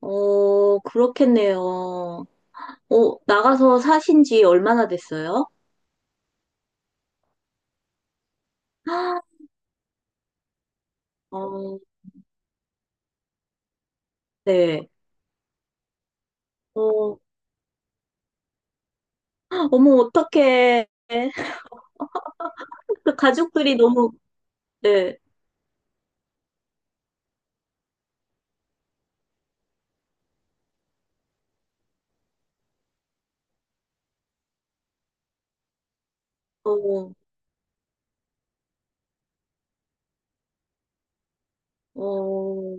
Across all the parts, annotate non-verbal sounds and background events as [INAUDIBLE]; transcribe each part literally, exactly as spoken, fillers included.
어, 그렇겠네요. 어, 나가서 사신 지 얼마나 됐어요? 어, 네. 어, 어머, 어떡해. [LAUGHS] 가족들이 너무, 네. 어, 어.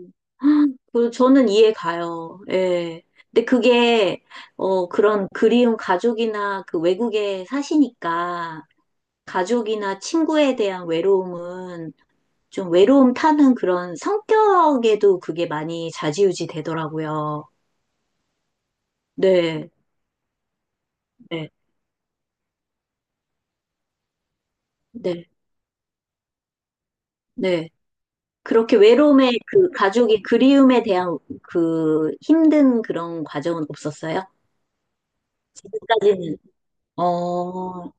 그 저는 이해 가요. 예. 근데 그게, 어, 그런 그리운 가족이나 그 외국에 사시니까 가족이나 친구에 대한 외로움은 좀 외로움 타는 그런 성격에도 그게 많이 좌지우지 되더라고요. 네, 네, 네, 네. 그렇게 외로움에 그 가족의 그리움에 대한 그 힘든 그런 과정은 없었어요? 지금까지는. 어,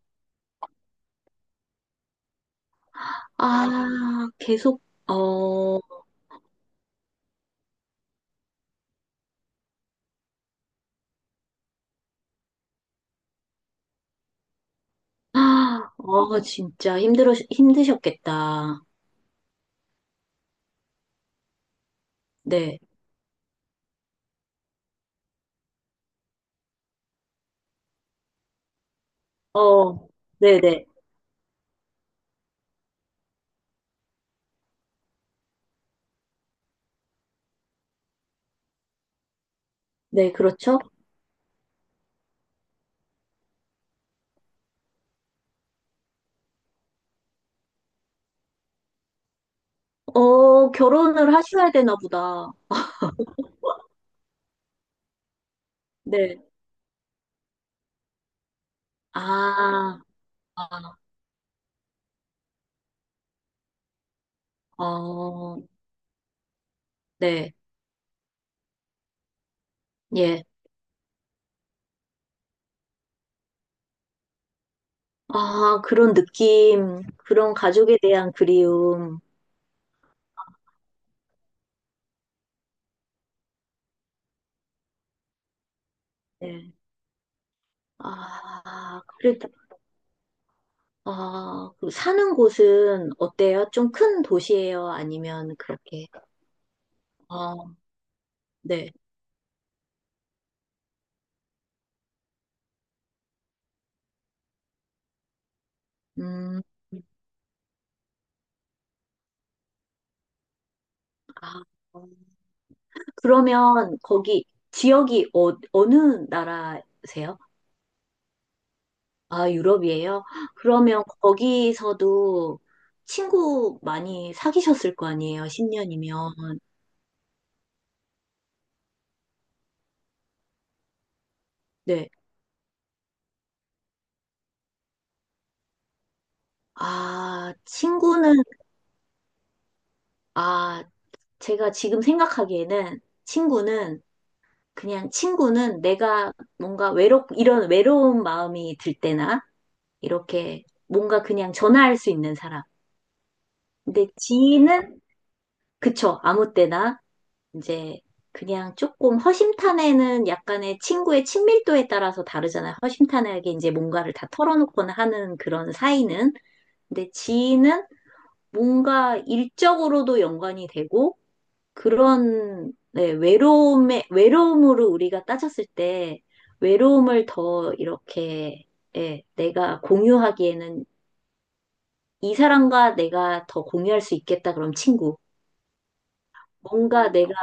아, 계속, 어, 아, 어, 진짜 힘들어, 힘드셨겠다. 네, 어, 네네, 네, 네, 그렇죠. 어, 결혼을 하셔야 되나 보다. 네. 아, 아, 어, 네, 예. 아, 그런 느낌, 그런 가족에 대한 그리움. 네. 아, 그래도, 아, 그 사는 곳은 어때요? 좀 큰 도시예요? 아니면 그렇게? 아, 네. 음, 아, 어. 그러면 거기 지역이 어, 어느 나라세요? 아, 유럽이에요? 그러면 거기서도 친구 많이 사귀셨을 거 아니에요? 십 년이면. 네. 아, 친구는, 아, 제가 지금 생각하기에는 친구는, 그냥 친구는 내가 뭔가 외롭, 이런 외로운 마음이 들 때나, 이렇게 뭔가 그냥 전화할 수 있는 사람. 근데 지인은, 그쵸, 아무 때나, 이제 그냥 조금 허심탄회는 약간의 친구의 친밀도에 따라서 다르잖아요. 허심탄회하게 이제 뭔가를 다 털어놓거나 하는 그런 사이는. 근데 지인은 뭔가 일적으로도 연관이 되고, 그런 네, 외로움에 외로움으로 우리가 따졌을 때 외로움을 더 이렇게 예, 내가 공유하기에는 이 사람과 내가 더 공유할 수 있겠다 그럼 친구 뭔가 내가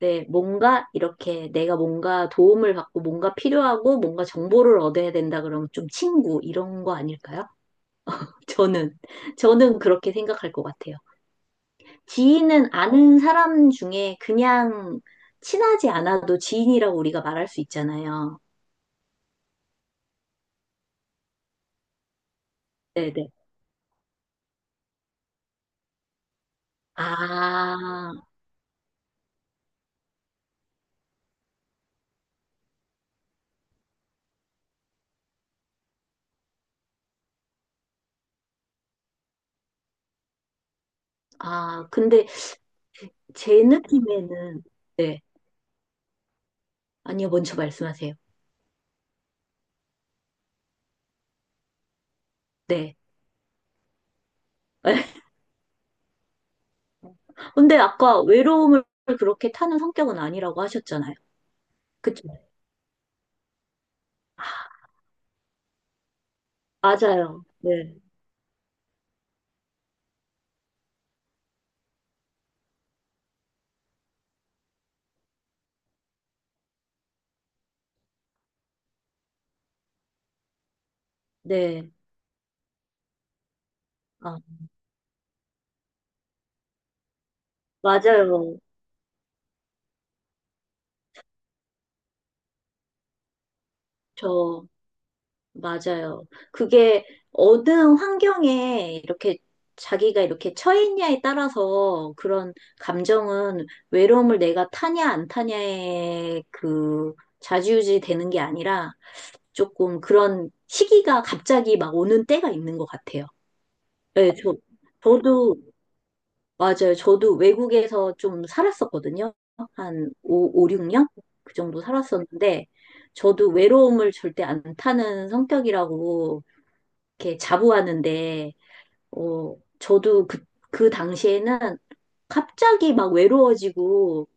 네, 뭔가 이렇게 내가 뭔가 도움을 받고 뭔가 필요하고 뭔가 정보를 얻어야 된다 그러면 좀 친구 이런 거 아닐까요? [LAUGHS] 저는 저는 그렇게 생각할 것 같아요. 지인은 아는 사람 중에 그냥 친하지 않아도 지인이라고 우리가 말할 수 있잖아요. 네네. 아, 아, 근데 제 느낌에는, 네. 아니요, 먼저 말씀하세요. 네. [LAUGHS] 근데 아까 외로움을 그렇게 타는 성격은 아니라고 하셨잖아요. 그쵸? 맞아요. 네. 네. 아, 맞아요. 저, 맞아요. 그게 어느 환경에 이렇게 자기가 이렇게 처해 있냐에 따라서 그런 감정은 외로움을 내가 타냐 안 타냐에 그 좌지우지 되는 게 아니라 조금 그런 시기가 갑자기 막 오는 때가 있는 것 같아요. 네, 저, 저도, 맞아요. 저도 외국에서 좀 살았었거든요. 한 오 오 육 년 그 정도 살았었는데, 저도 외로움을 절대 안 타는 성격이라고 이렇게 자부하는데, 어, 저도 그, 그 당시에는 갑자기 막 외로워지고,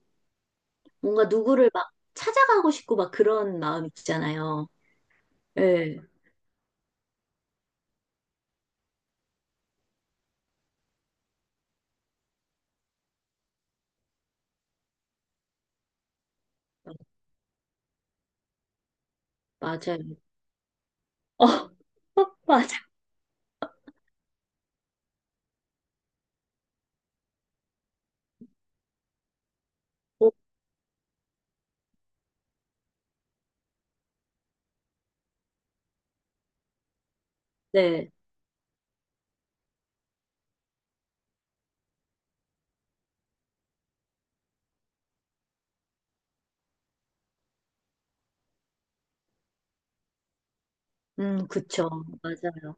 뭔가 누구를 막 찾아가고 싶고 막 그런 마음 있잖아요. 예, 맞아요. 어, [LAUGHS] 맞아. 어, 네. 음, 그쵸. 맞아요.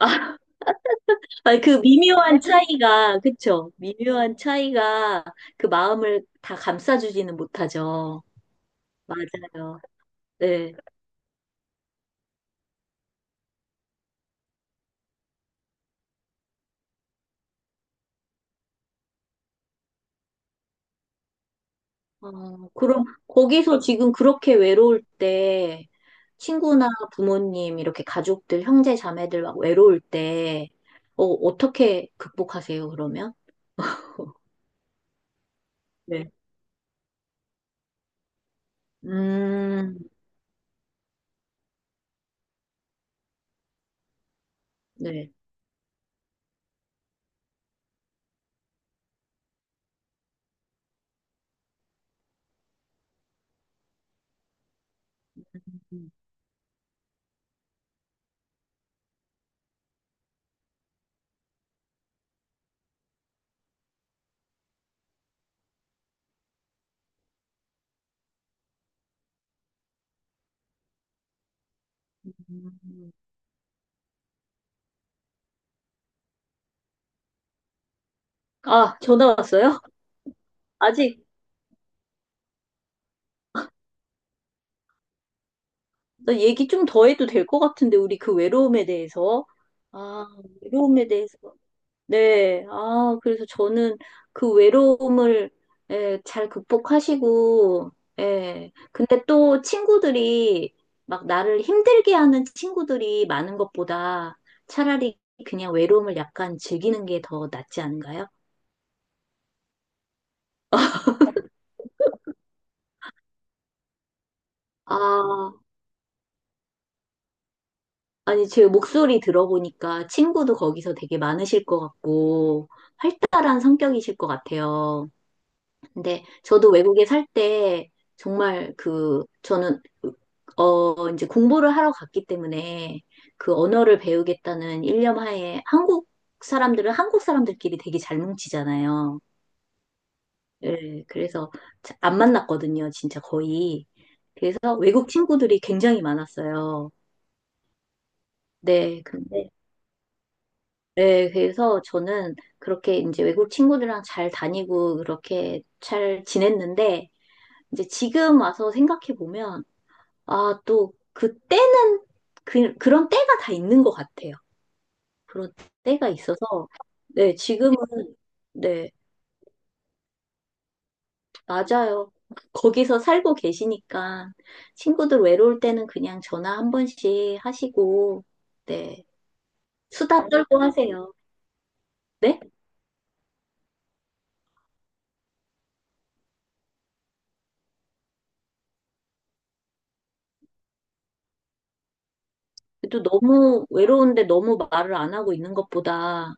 아, 아니, 그 미묘한 차이가, 그쵸. 미묘한 차이가 그 마음을 다 감싸주지는 못하죠. 맞아요. 네. 어, 그럼 거기서 지금 그렇게 외로울 때 친구나 부모님 이렇게 가족들 형제 자매들 막 외로울 때 어, 어떻게 극복하세요 그러면? [LAUGHS] 네. 음, 네. 음. 아, 전화 왔어요? 아직 나 얘기 좀 더 해도 될 것 같은데 우리 그 외로움에 대해서 아, 외로움에 대해서 네. 아, 그래서 저는 그 외로움을 예, 잘 극복하시고, 예. 근데 또 친구들이 막 나를 힘들게 하는 친구들이 많은 것보다 차라리 그냥 외로움을 약간 즐기는 게 더 낫지 않은가요? 아, 아니, 제 목소리 들어보니까 친구도 거기서 되게 많으실 것 같고, 활달한 성격이실 것 같아요. 근데 저도 외국에 살 때 정말 그 저는 어 이제 공부를 하러 갔기 때문에 그 언어를 배우겠다는 일념 하에 한국 사람들은 한국 사람들끼리 되게 잘 뭉치잖아요. 예, 그래서 자- 안 만났거든요, 진짜 거의. 그래서 외국 친구들이 굉장히 많았어요. 네, 근데 네, 그래서 저는 그렇게 이제 외국 친구들이랑 잘 다니고 그렇게 잘 지냈는데 이제 지금 와서 생각해 보면 아, 또, 그때는, 그, 그런 때가 다 있는 것 같아요. 그런 때가 있어서, 네, 지금은, 네, 맞아요. 거기서 살고 계시니까, 친구들 외로울 때는 그냥 전화 한 번씩 하시고, 네, 수다 떨고 하세요. 네? 또 너무 외로운데 너무 말을 안 하고 있는 것보다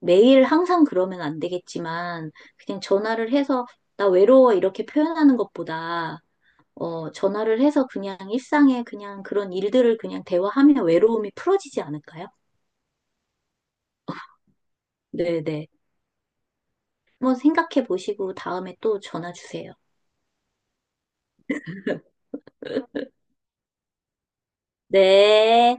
매일 항상 그러면 안 되겠지만, 그냥 전화를 해서, 나 외로워 이렇게 표현하는 것보다, 어, 전화를 해서 그냥 일상에 그냥 그런 일들을 그냥 대화하면 외로움이 풀어지지 않을까요? 네네. 한번 생각해 보시고 다음에 또 전화 주세요. 네.